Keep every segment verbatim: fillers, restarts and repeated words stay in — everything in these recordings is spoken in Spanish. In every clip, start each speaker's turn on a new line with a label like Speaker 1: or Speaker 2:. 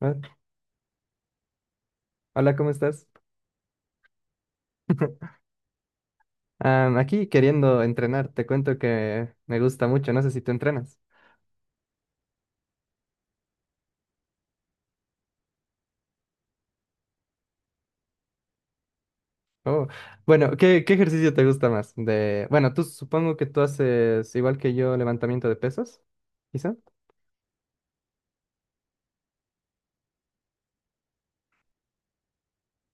Speaker 1: Ah, hola, ¿cómo estás? Am, aquí queriendo entrenar, te cuento que me gusta mucho, no sé si tú entrenas. Oh, bueno, ¿qué, qué ejercicio te gusta más? De, bueno, tú supongo que tú haces igual que yo levantamiento de pesas, quizá.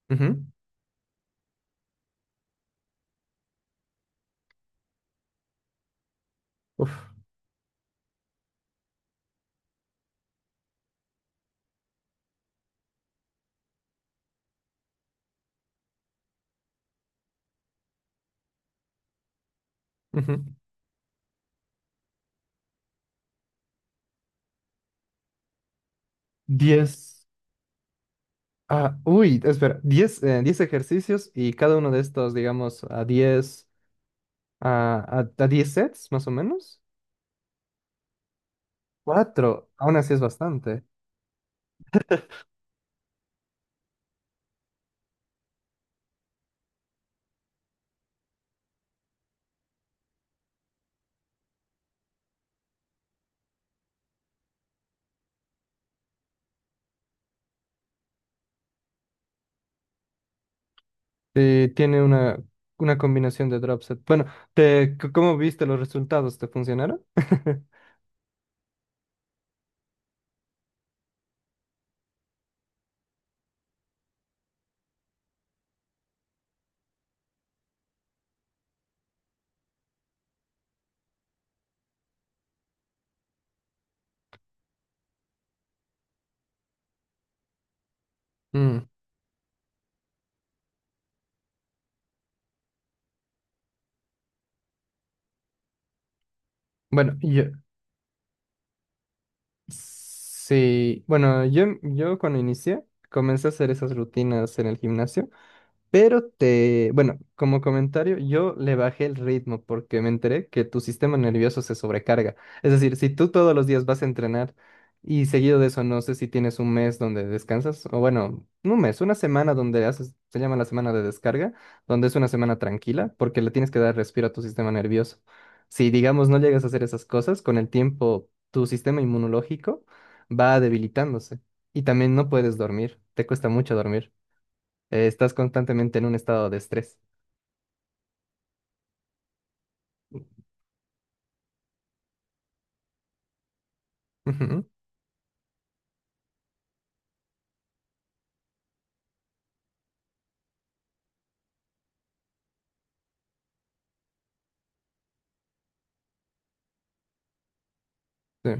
Speaker 1: Ujú. Uf. Ujú. diez. Ah, uy, espera, Diez, eh, diez ejercicios y cada uno de estos, digamos, a diez a, a, a diez sets, más o menos. Cuatro, aún así es bastante. Sí, tiene una, una combinación de drop set. Bueno, te, c- ¿cómo viste los resultados? ¿Te funcionaron? Mm. Bueno, yo sí, bueno, yo, yo cuando inicié comencé a hacer esas rutinas en el gimnasio. Pero te, bueno, como comentario, yo le bajé el ritmo porque me enteré que tu sistema nervioso se sobrecarga. Es decir, si tú todos los días vas a entrenar y seguido de eso, no sé si tienes un mes donde descansas, o bueno, no un mes, una semana donde haces, se llama la semana de descarga, donde es una semana tranquila porque le tienes que dar respiro a tu sistema nervioso. Si, digamos, no llegas a hacer esas cosas, con el tiempo tu sistema inmunológico va debilitándose y también no puedes dormir, te cuesta mucho dormir. Eh, estás constantemente en un estado de estrés. Ujú, sí.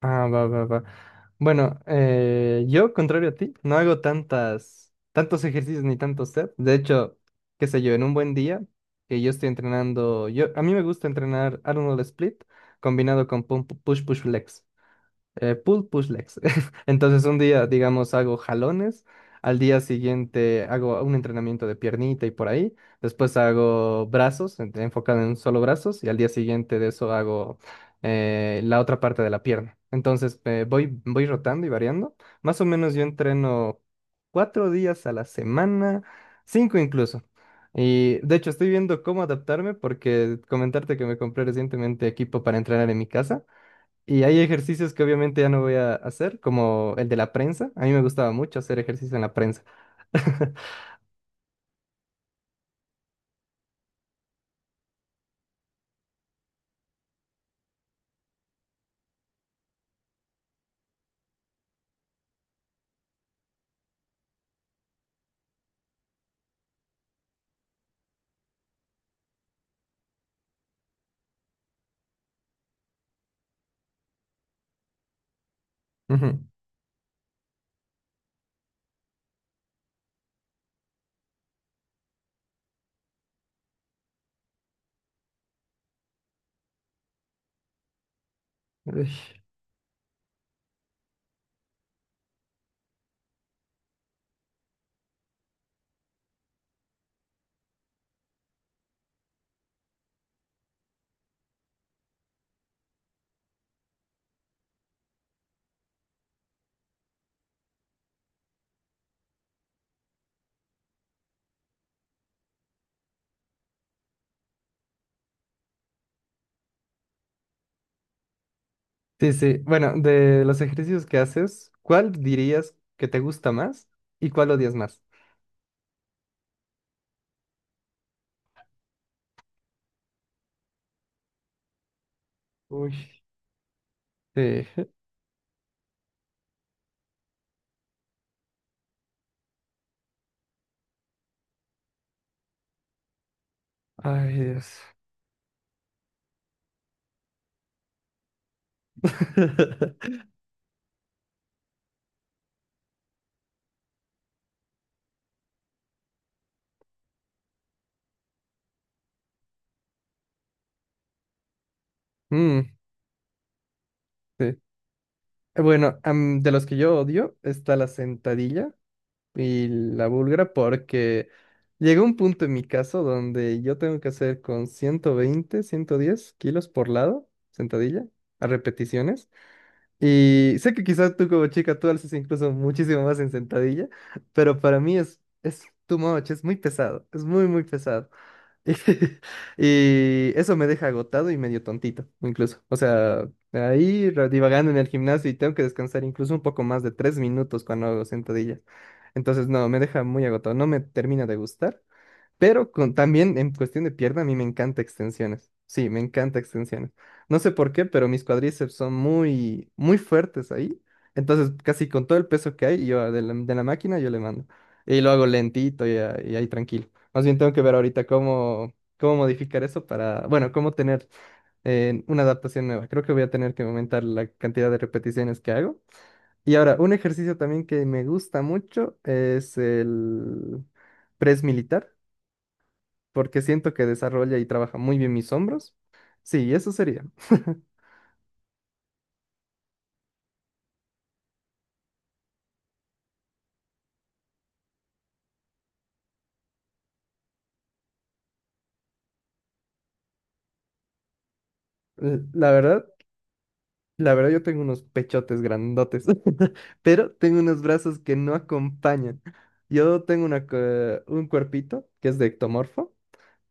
Speaker 1: Ah, va, va, va. Bueno, eh, yo, contrario a ti, no hago tantas, tantos ejercicios ni tantos sets. De hecho, qué sé yo, en un buen día que yo estoy entrenando, yo, a mí me gusta entrenar Arnold Split combinado con pum- push push flex. eh, pull push legs. Entonces un día, digamos, hago jalones, al día siguiente hago un entrenamiento de piernita y por ahí, después hago brazos, en- enfocado en solo brazos, y al día siguiente de eso hago eh, la otra parte de la pierna. Entonces eh, voy, voy rotando y variando. Más o menos yo entreno cuatro días a la semana, cinco incluso. Y de hecho estoy viendo cómo adaptarme porque comentarte que me compré recientemente equipo para entrenar en mi casa. Y hay ejercicios que obviamente ya no voy a hacer, como el de la prensa. A mí me gustaba mucho hacer ejercicio en la prensa. Ujú. Uy. Sí, sí. Bueno, de los ejercicios que haces, ¿cuál dirías que te gusta más y cuál odias más? Uy, sí. Ay, Dios. Mm, sí. Eh, Bueno, am, de los que yo odio está la sentadilla y la búlgara porque llegó un punto en mi caso donde yo tengo que hacer con ciento veinte ciento diez kilos por lado, sentadilla, a repeticiones. Y sé que quizás tú como chica tú alzas incluso muchísimo más en sentadilla, pero para mí es, es too much, es muy pesado, es muy, muy pesado. Y eso me deja agotado y medio tontito, incluso. O sea, ahí ra- divagando en el gimnasio y tengo que descansar incluso un poco más de tres minutos cuando hago sentadillas. Entonces, no, me deja muy agotado, no me termina de gustar. Pero con, también en cuestión de pierna, a mí me encanta extensiones. Sí, me encanta extensiones. No sé por qué, pero mis cuádriceps son muy, muy fuertes ahí. Entonces, casi con todo el peso que hay, yo de la, de la máquina, yo le mando. Y lo hago lentito y, a- y ahí tranquilo. Más bien tengo que ver ahorita cómo, cómo modificar eso para, bueno, cómo tener eh, una adaptación nueva. Creo que voy a tener que aumentar la cantidad de repeticiones que hago. Y ahora, un ejercicio también que me gusta mucho es el press militar porque siento que desarrolla y trabaja muy bien mis hombros. Sí, eso sería. L- La verdad, la verdad yo tengo unos pechotes grandotes, pero tengo unos brazos que no acompañan. Yo tengo una, cue- un cuerpito que es de ectomorfo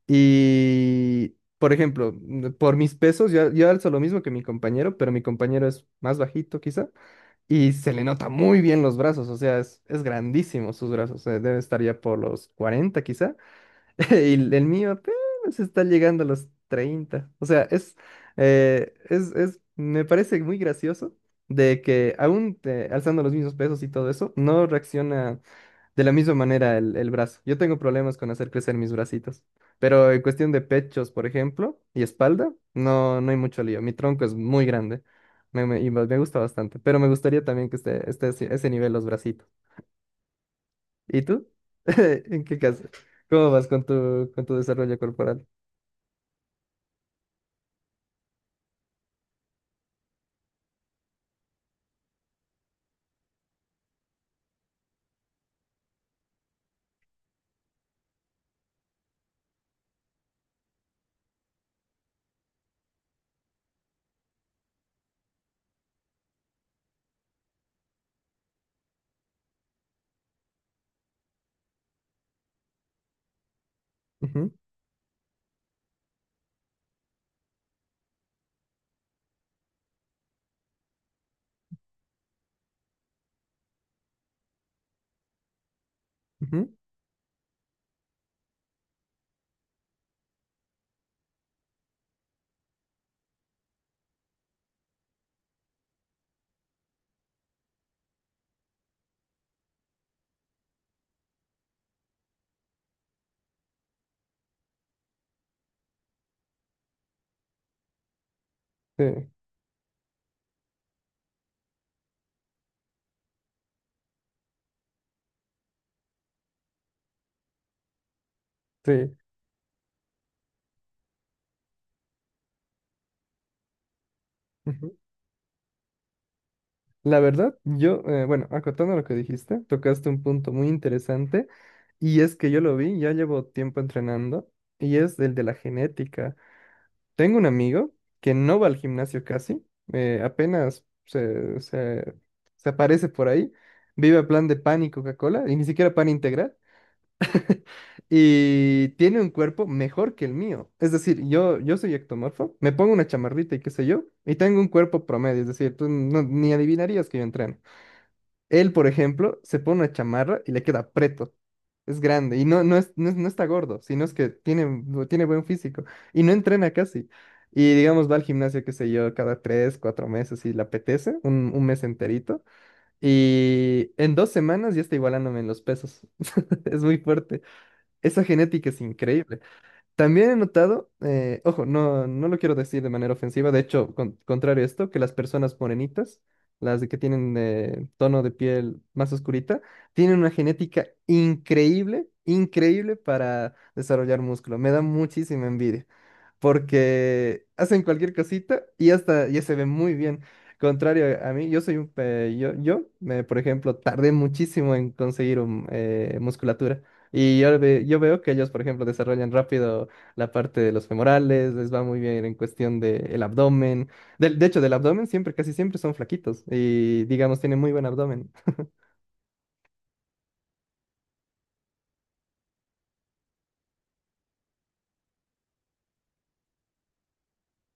Speaker 1: y, por ejemplo, mm, por mis pesos, yo, yo alzo lo mismo que mi compañero, pero mi compañero es más bajito quizá y se le nota muy bien los brazos, o sea, es, es grandísimo sus brazos, eh, debe estar ya por los cuarenta quizá. Y el mío apenas está llegando a los treinta. O sea, es, eh, es, es, me parece muy gracioso de que aún eh, alzando los mismos pesos y todo eso, no reacciona de la misma manera el, el brazo. Yo tengo problemas con hacer crecer mis bracitos, pero en cuestión de pechos, por ejemplo, y espalda, no, no hay mucho lío. Mi tronco es muy grande, me, me- y me me gusta bastante, pero me gustaría también que esté, esté así- a ese nivel los bracitos. ¿Y tú? ¿En qué caso? ¿Cómo vas con tu, con tu desarrollo corporal? Ujú, ujú, sí, sí. Ujú. La verdad, yo, eh, bueno, acotando lo que dijiste, tocaste un punto muy interesante y es que yo lo vi, ya llevo tiempo entrenando y es el de la genética. Tengo un amigo que no va al gimnasio casi, eh, apenas se, se, se aparece por ahí, vive a plan de pan y Coca-Cola y ni siquiera pan integral. Y tiene un cuerpo mejor que el mío. Es decir, yo, yo soy ectomorfo, me pongo una chamarrita y qué sé yo, y tengo un cuerpo promedio. Es decir, tú no- ni adivinarías que yo entreno. Él, por ejemplo, se pone una chamarra y le queda preto. Es grande y no, no, es, no, es- no está gordo, sino es que tiene, bu- tiene buen físico y no entrena casi. Y digamos, va al gimnasio, qué sé yo, cada tres, cuatro meses si le apetece, un, un mes enterito. Y en dos semanas ya está igualándome en los pesos. Es muy fuerte. Esa genética es increíble. También he notado, eh, ojo, no, no lo quiero decir de manera ofensiva, de hecho, con- contrario a esto, que las personas morenitas, las de que tienen eh, tono de piel más oscurita, tienen una genética increíble, increíble para desarrollar músculo. Me da muchísima envidia porque hacen cualquier cosita y hasta ya se ve muy bien. Contrario a mí, yo soy un... pe- yo, yo me, por ejemplo, tardé muchísimo en conseguir un, eh, musculatura. Y yo, ve- yo veo que ellos, por ejemplo, desarrollan rápido la parte de los femorales, les va muy bien en cuestión del abdomen. Del- de hecho, del abdomen siempre, casi siempre son flaquitos y, digamos, tienen muy buen abdomen.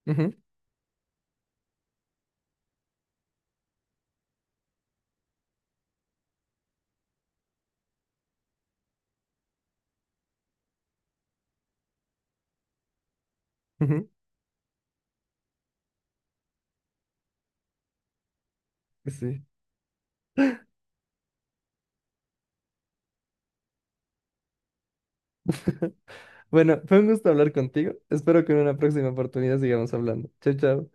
Speaker 1: Ujú, ujú, sí. Bueno, fue un gusto hablar contigo. Espero que en una próxima oportunidad sigamos hablando. Chao, chao.